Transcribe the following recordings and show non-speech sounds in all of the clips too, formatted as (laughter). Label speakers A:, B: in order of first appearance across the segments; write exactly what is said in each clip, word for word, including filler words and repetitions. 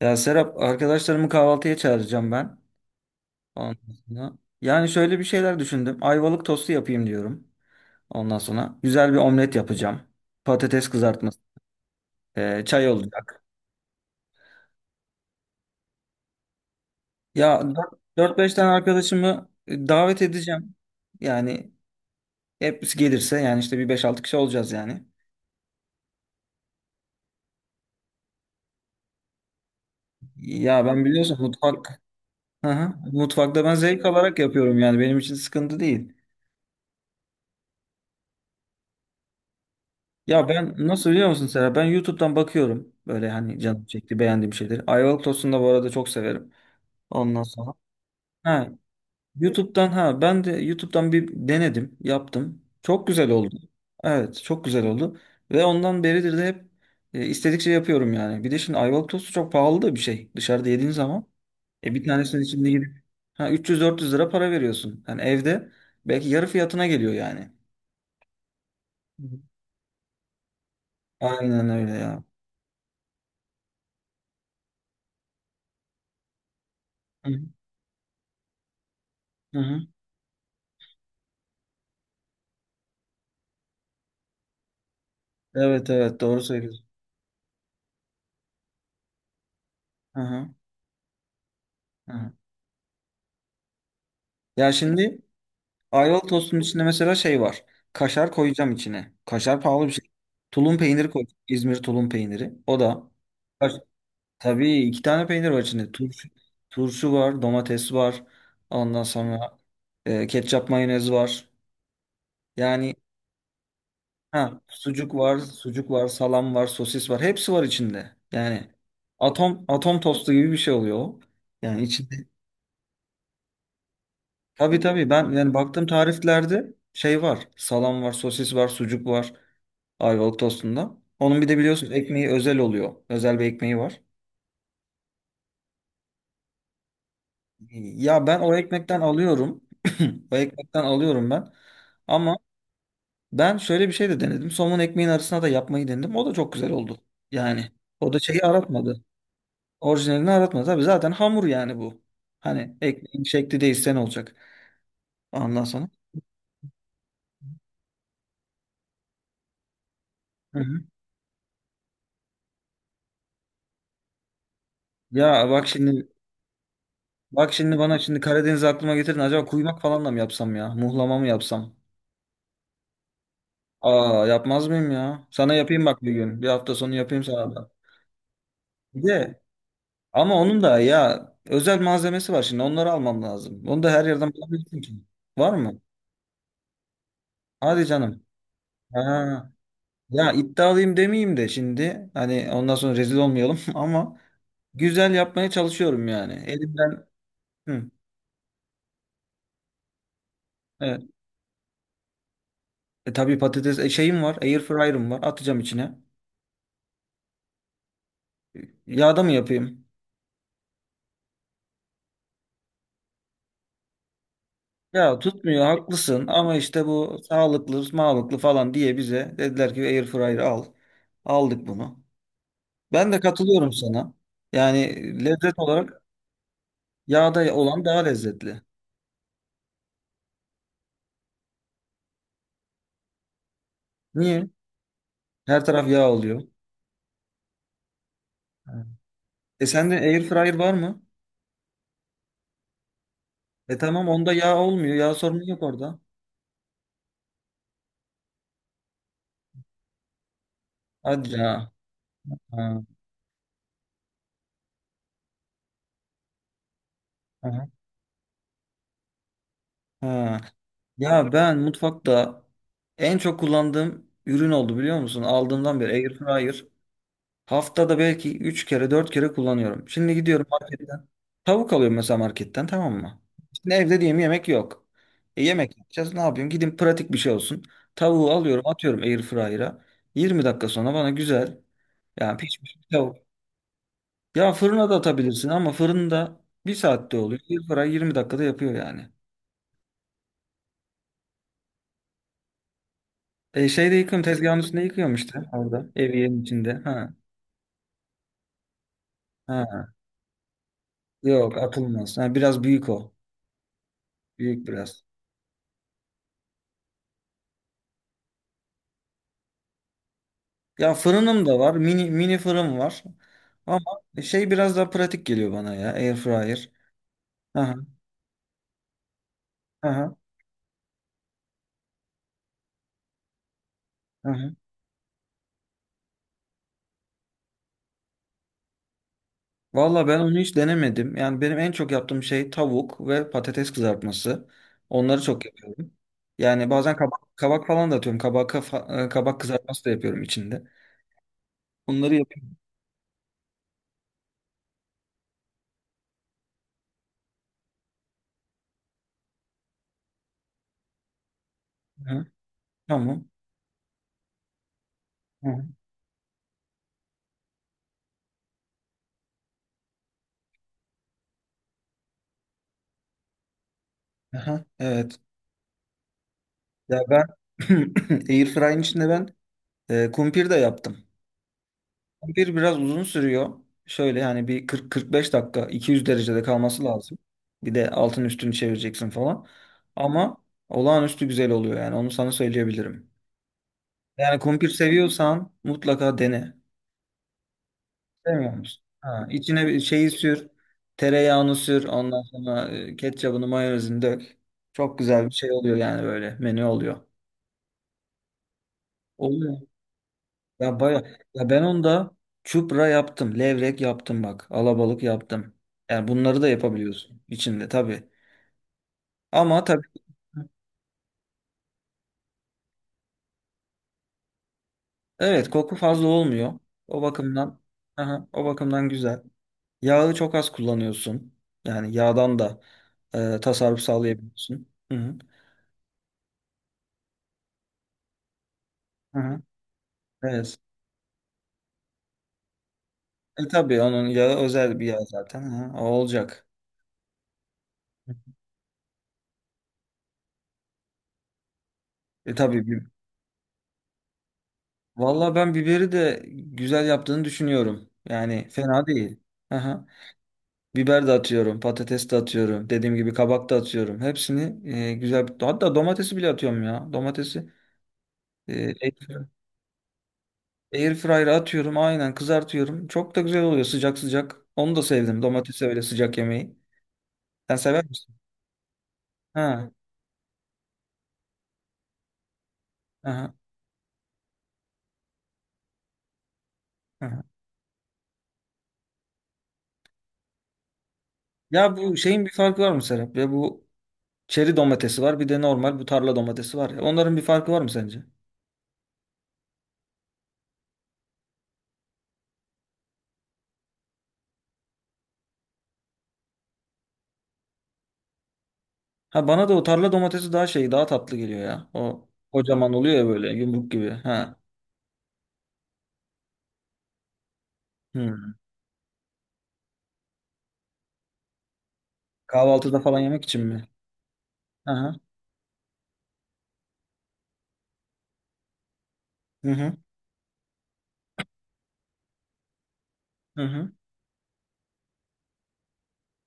A: Ya Serap, arkadaşlarımı kahvaltıya çağıracağım ben. Ondan sonra. Yani şöyle bir şeyler düşündüm. Ayvalık tostu yapayım diyorum. Ondan sonra güzel bir omlet yapacağım. Patates kızartması, e, çay olacak. Ya dört beş tane arkadaşımı e, davet edeceğim. Yani hepsi gelirse yani işte bir beş altı kişi olacağız yani. Ya ben biliyorsun mutfak. Hı hı. Mutfakta ben zevk alarak yapıyorum yani benim için sıkıntı değil. Ya ben nasıl biliyor musun Serap? Ben YouTube'dan bakıyorum. Böyle hani canım çekti beğendiğim şeyleri. Ayvalık tostunu da bu arada çok severim. Ondan sonra. Ha, YouTube'dan ha ben de YouTube'dan bir denedim. Yaptım. Çok güzel oldu. Evet, çok güzel oldu. Ve ondan beridir de hep e, istedikçe yapıyorum yani. Bir de şimdi Ayvalık tostu çok pahalı da bir şey. Dışarıda yediğin zaman. E bir tanesinin içinde gidip ha üç yüz, dört yüz lira para veriyorsun. Yani evde belki yarı fiyatına geliyor yani. Hı hı. Aynen öyle ya. Hı hı. Hı hı. Evet evet, doğru söylüyorsun. Hı hı. Hı hı. Ya şimdi Ayvalık tostunun içinde mesela şey var. Kaşar koyacağım içine. Kaşar pahalı bir şey. Tulum peyniri koy. İzmir tulum peyniri. O da. Kaş- Tabii iki tane peynir var içinde. Turşu, turşu var, domates var. Ondan sonra e, ketçap mayonez var. Yani ha, sucuk var, sucuk var, salam var, sosis var. Hepsi var içinde. Yani atom atom tostu gibi bir şey oluyor, o. Yani içinde. Tabii tabii ben yani baktığım tariflerde şey var. Salam var, sosis var, sucuk var Ayvalık tostunda. Onun bir de biliyorsunuz ekmeği özel oluyor. Özel bir ekmeği var. Ya ben o ekmekten alıyorum. (clears throat) O ekmekten alıyorum ben. Ama ben şöyle bir şey de denedim. Somun ekmeğin arasına da yapmayı denedim. O da çok güzel oldu. Yani o da şeyi aratmadı. Orijinalini aratmadı. Tabii zaten hamur yani bu. Hani ekmeğin şekli değilse ne olacak? Ondan sonra. Hı hı. Ya bak şimdi Bak şimdi bana şimdi Karadeniz aklıma getirdin. Acaba kuymak falan da mı yapsam ya? Muhlama mı yapsam? Aa, yapmaz mıyım ya? Sana yapayım bak bir gün. Bir hafta sonu yapayım sana da. Bir de ama onun da ya özel malzemesi var şimdi. Onları almam lazım. Onu da her yerden bulabilirsin ki. Var mı? Hadi canım. Ha. Ya iddialıyım demeyeyim de şimdi. Hani ondan sonra rezil olmayalım (laughs) ama güzel yapmaya çalışıyorum yani. Elimden. Hı. Evet. E, tabii patates e, şeyim var. Air fryer'ım var. Atacağım içine. Yağda mı yapayım? Ya tutmuyor haklısın ama işte bu sağlıklı, sağlıklı falan diye bize dediler ki airfryer al. Aldık bunu. Ben de katılıyorum sana. Yani lezzet olarak yağda olan daha lezzetli. Niye? Her taraf yağ oluyor. Evet. E sende airfryer var mı? E tamam, onda yağ olmuyor. Yağ sorunu yok orada. Hadi ya. Ha. Aha. Ha. Ya ben mutfakta en çok kullandığım ürün oldu biliyor musun? Aldığımdan beri airfryer. Haftada belki üç kere dört kere kullanıyorum. Şimdi gidiyorum marketten. Tavuk alıyorum mesela marketten, tamam mı? Şimdi evde diyeyim yemek yok. E yemek yapacağız, ne yapıyorum? Gidin, pratik bir şey olsun. Tavuğu alıyorum, atıyorum airfryer'a. Yirmi dakika sonra bana güzel yani pişmiş bir tavuk. Ya fırına da atabilirsin ama fırında bir saatte oluyor. Airfryer yirmi dakikada yapıyor yani. E şeyde yıkıyorum, tezgahın üstünde yıkıyorum işte orada. Eviyenin içinde. Ha. Ha. Yok, atılmaz. Ha, biraz büyük o. Büyük biraz. Ya fırınım da var. Mini mini fırın var. Ama şey biraz daha pratik geliyor bana ya. Air fryer. Aha, aha, aha. Valla ben onu hiç denemedim. Yani benim en çok yaptığım şey tavuk ve patates kızartması. Onları çok yapıyorum. Yani bazen kabak, kabak falan da atıyorum. Kabak, kafa- e, kabak kızartması da yapıyorum içinde. Onları yapıyorum. Aha, tamam. Aha, aha, evet. Ya ben (clears throat) Air içinde ben e, kumpir de yaptım. Bir biraz uzun sürüyor. Şöyle hani bir kırk kırk beş dakika iki yüz derecede kalması lazım. Bir de altın üstünü çevireceksin falan. Ama olağanüstü güzel oluyor yani onu sana söyleyebilirim. Yani kumpir seviyorsan mutlaka dene. Sevmiyor musun? Ha, içine bir şeyi sür. Tereyağını sür. Ondan sonra e, ketçabını mayonezini dök. Çok güzel bir şey oluyor yani böyle menü oluyor. Oluyor. Ya baya ya ben onda çupra yaptım, levrek yaptım bak, alabalık yaptım. Yani bunları da yapabiliyorsun içinde tabii. Ama tabii evet, koku fazla olmuyor. O bakımdan aha, o bakımdan güzel. Yağı çok az kullanıyorsun. Yani yağdan da e, tasarruf sağlayabiliyorsun. Hı hı. Hı hı. Evet. E tabii onun yağı özel bir yağ zaten. Hı, o olacak. E tabii. bi- Vallahi ben biberi de güzel yaptığını düşünüyorum. Yani fena değil. Aha. Biber de atıyorum, patates de atıyorum. Dediğim gibi kabak da atıyorum. Hepsini e, güzel bir- hatta domatesi bile atıyorum ya. Domatesi e, air air fryer'a atıyorum. Aynen kızartıyorum. Çok da güzel oluyor sıcak sıcak. Onu da sevdim. Domatesi öyle sıcak yemeği. Sen sever misin? Ha. Aha, aha. Ya bu şeyin bir farkı var mı Serap? Ya bu çeri domatesi var. Bir de normal bu tarla domatesi var ya. Onların bir farkı var mı sence? Ha, bana da o tarla domatesi daha şey, daha tatlı geliyor ya. O kocaman oluyor ya böyle yumruk gibi. Ha. Hı. Kahvaltıda falan yemek için mi? Aha. Hı hı. Hı hı.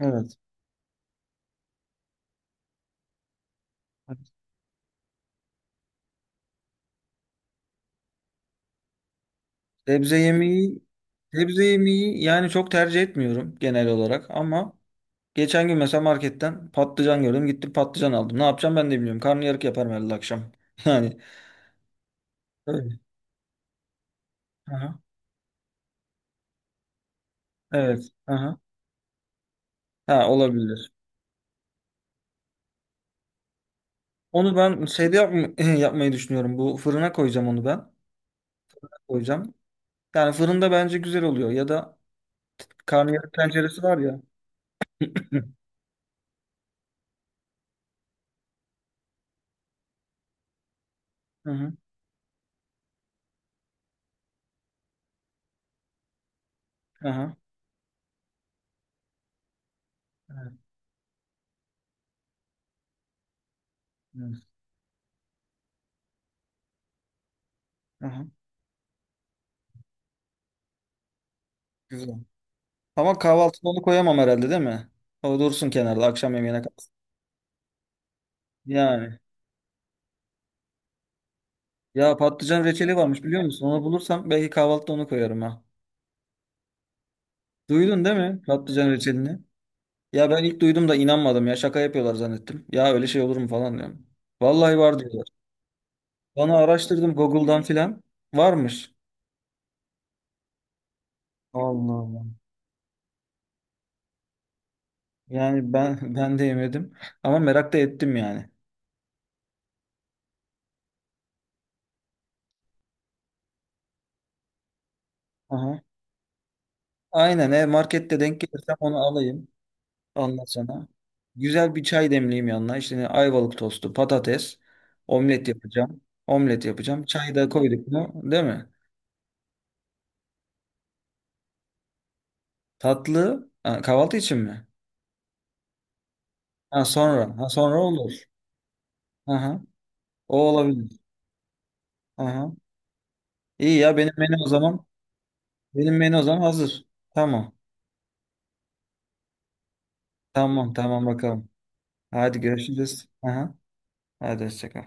A: Evet. Sebze yemeği sebze yemeği yani çok tercih etmiyorum genel olarak ama geçen gün mesela marketten patlıcan gördüm. Gittim patlıcan aldım. Ne yapacağım ben de bilmiyorum. Karnıyarık yaparım herhalde akşam. (laughs) Yani öyle. Aha. Evet. Aha. Ha, olabilir. Onu ben şeyde yap (clears throat) (laughs) yapmayı düşünüyorum. Bu fırına koyacağım onu ben. Koyacağım. Yani fırında bence güzel oluyor ya da karnıyarık tenceresi var ya. (clears throat) (laughs) Hı hı. Aha. Evet. Evet. Aha. Güzel. Ama kahvaltına onu koyamam herhalde, değil mi? O dursun kenarda, akşam yemeğine kalsın. Yani. Ya patlıcan reçeli varmış biliyor musun? Onu bulursam belki kahvaltıda onu koyarım ha. Duydun değil mi patlıcan reçelini? Ya ben ilk duydum da inanmadım ya, şaka yapıyorlar zannettim. Ya öyle şey olur mu falan diyorum. Vallahi var diyorlar. Bana araştırdım Google'dan filan. Varmış. Allah Allah. Yani ben (laughs) ben de yemedim ama merak da ettim yani. Aha. Aynen, e markette denk gelirsem onu alayım. Ondan sonra güzel bir çay demleyeyim yanına. İşte ne, Ayvalık tostu, patates, omlet yapacağım. Omlet yapacağım. Çayı da koyduk mu, değil mi? Tatlı ha, kahvaltı için mi? Ha sonra. Ha sonra olur. Aha. O olabilir. Aha. İyi ya, benim menü o zaman. Benim menü o zaman hazır. Tamam. Tamam tamam, bakalım. Hadi görüşürüz. Aha. Hadi hoşça kal.